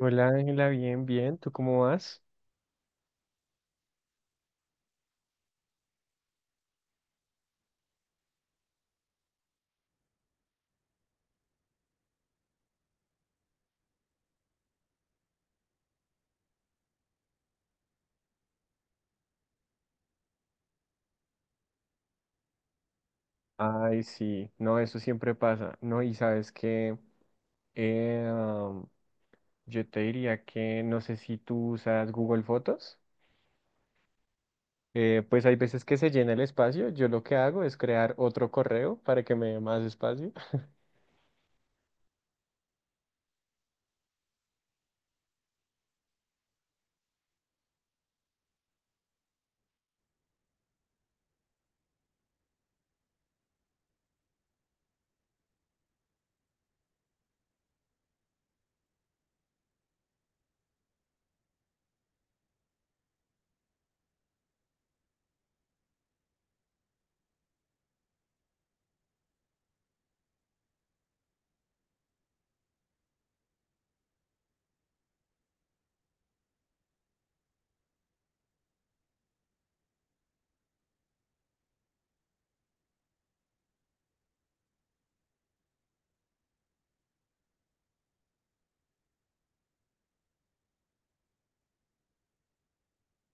Hola Ángela, bien, bien, ¿tú cómo vas? Ay, sí, no, eso siempre pasa, ¿no? Y sabes que yo te diría que no sé si tú usas Google Fotos, pues hay veces que se llena el espacio, yo lo que hago es crear otro correo para que me dé más espacio.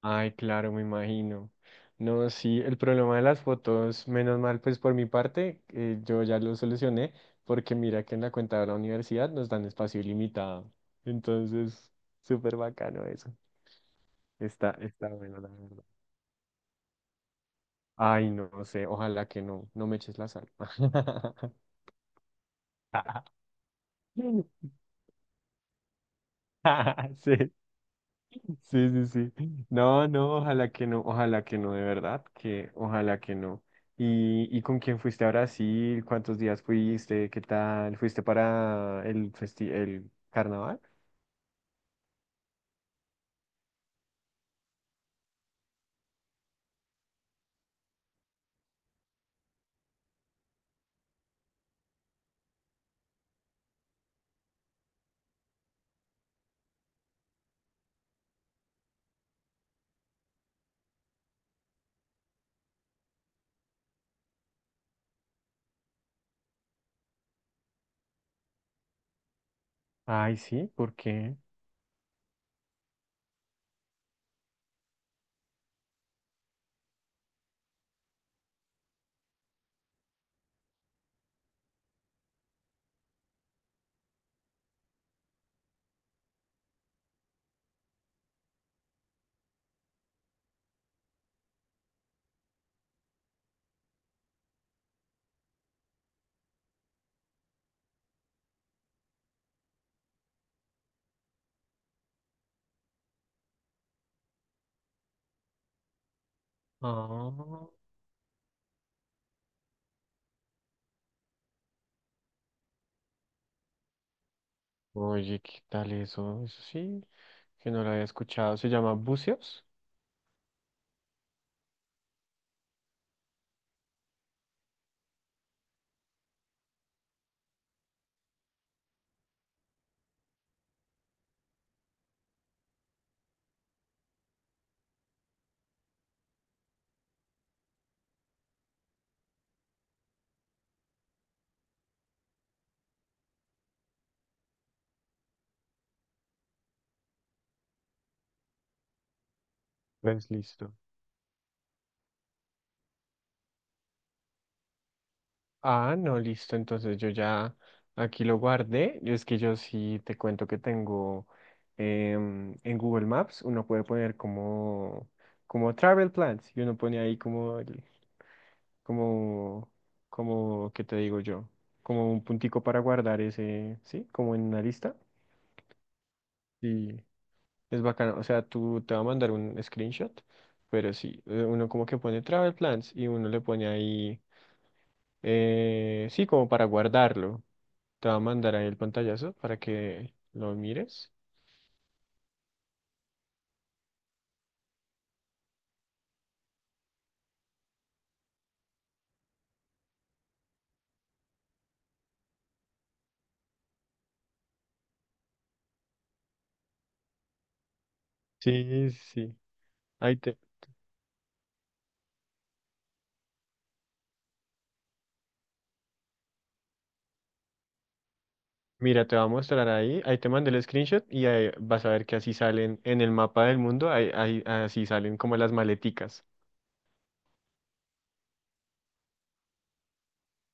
Ay, claro, me imagino. No, sí, el problema de las fotos, menos mal, pues por mi parte, yo ya lo solucioné, porque mira que en la cuenta de la universidad nos dan espacio ilimitado. Entonces, súper bacano eso. Está, está bueno, la verdad. Ay, no, no sé, ojalá que no, no me eches la sal. Sí. Sí, sí, sí. No, no, ojalá que no, ojalá que no, de verdad, que ojalá que no. ¿Y con quién fuiste a Brasil? ¿Cuántos días fuiste? ¿Qué tal? ¿Fuiste para el el carnaval? Ay, sí, ¿por qué? Ah, oye, ¿qué tal eso? Eso sí, que no lo había escuchado. ¿Se llama buceos? Pues listo. Ah, no, listo. Entonces yo ya aquí lo guardé. Yo es que yo sí te cuento que tengo en Google Maps, uno puede poner como, como travel plans y uno pone ahí como, como, ¿qué te digo yo? Como un puntico para guardar ese, ¿sí? Como en una lista. Y es bacano. O sea, tú te va a mandar un screenshot, pero sí, uno como que pone travel plans y uno le pone ahí, sí, como para guardarlo. Te va a mandar ahí el pantallazo para que lo mires. Sí, sí. Ahí te, mira, te va a mostrar ahí. Ahí te mandé el screenshot y ahí vas a ver que así salen en el mapa del mundo. Así salen como las maleticas.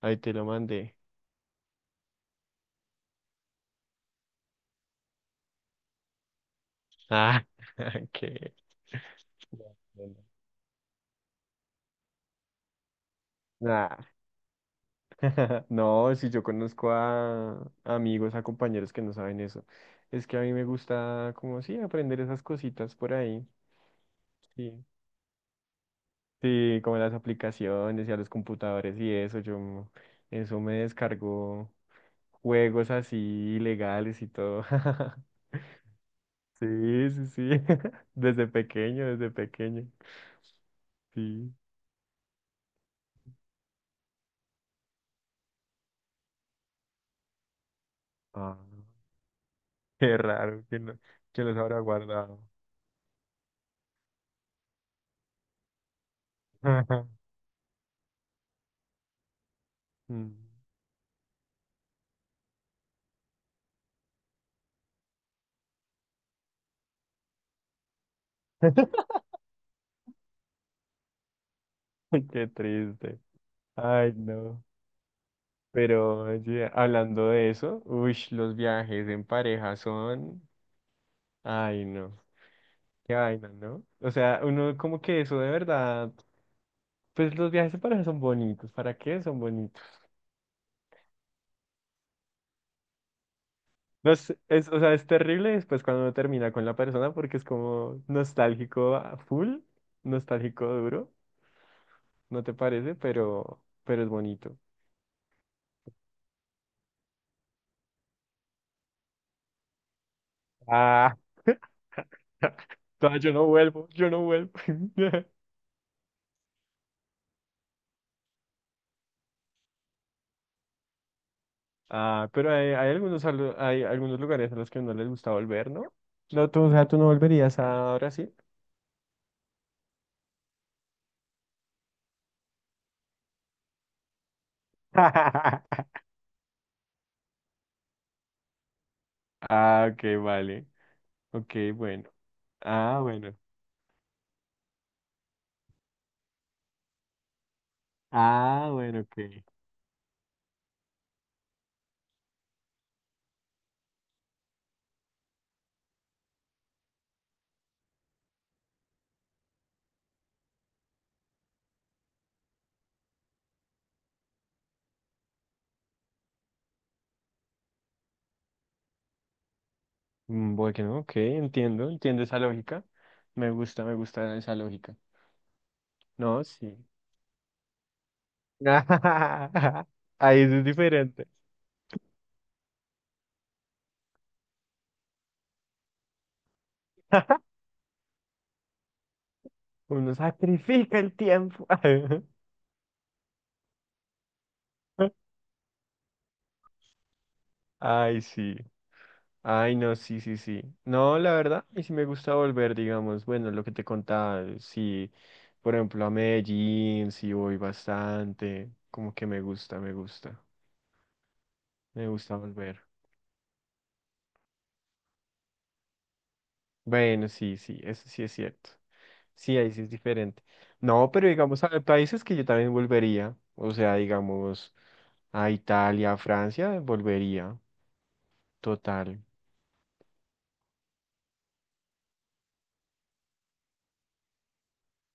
Ahí te lo mandé. Ah, qué. No, no, no. Nah. No, si yo conozco a amigos, a compañeros que no saben eso. Es que a mí me gusta, como sí, aprender esas cositas por ahí. Sí. Sí, como las aplicaciones y a los computadores y eso, yo, eso me descargó juegos así ilegales y todo. Sí, sí, sí, desde pequeño, desde pequeño. Sí. Ah, qué raro, ¿ quién los habrá guardado? Mm. Qué triste. Ay, no. Pero oye, hablando de eso, uy, los viajes en pareja son, ay, no. Qué vaina, ¿no? O sea, uno como que eso de verdad, pues los viajes de pareja son bonitos, ¿para qué son bonitos? No sé, es, o sea, es terrible después cuando uno termina con la persona porque es como nostálgico a full, nostálgico duro, ¿no te parece? Pero es bonito. Ah, no, yo no vuelvo, yo no vuelvo. Ah, pero hay algunos, hay algunos lugares a los que no les gusta volver, ¿no? No, tú, o sea, tú no volverías a Brasil. Ah, ok, vale. Ok, bueno. Ah, bueno. Ah, bueno, ok. Mm, bueno, ok, entiendo, entiendo esa lógica. Me gusta esa lógica. No, sí. Ahí eso es diferente. Uno sacrifica el tiempo. Ay, sí. Ay, no, sí, sí, sí. No, la verdad, y si me gusta volver, digamos, bueno, lo que te contaba, sí, por ejemplo, a Medellín, sí voy bastante, como que me gusta, me gusta, me gusta volver. Bueno, sí, sí, eso sí es cierto. Sí, ahí sí es diferente. No, pero digamos, hay países que yo también volvería. O sea, digamos, a Italia, a Francia, volvería. Total.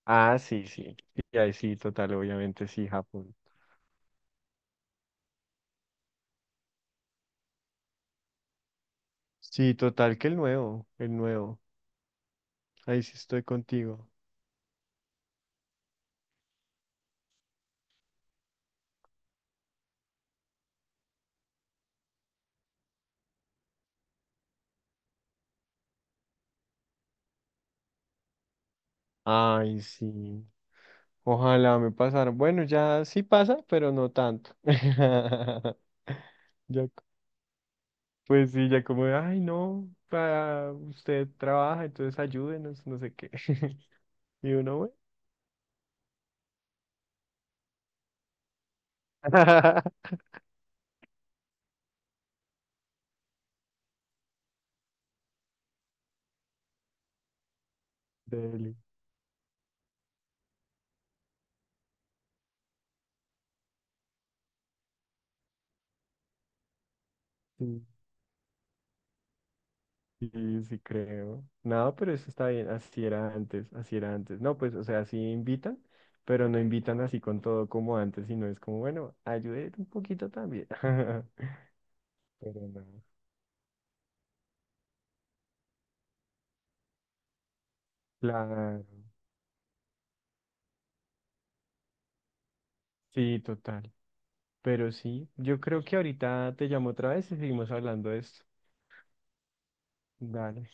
Ah, sí, sí. Sí, ahí sí, total, obviamente sí, Japón. Sí, total, que el nuevo, el nuevo. Ahí sí estoy contigo. Ay, sí. Ojalá me pasara. Bueno, ya sí pasa, pero no tanto. Ya pues sí, ya como, de, ay, no, para usted trabaja, entonces ayúdenos, no sé qué. Y uno, bueno, dele. Sí, sí, sí creo. No, pero eso está bien, así era antes, así era antes. No, pues, o sea, sí invitan, pero no invitan así con todo como antes, sino es como, bueno, ayude un poquito también. Pero no. Claro, sí, total. Pero sí, yo creo que ahorita te llamo otra vez y seguimos hablando de esto. Dale.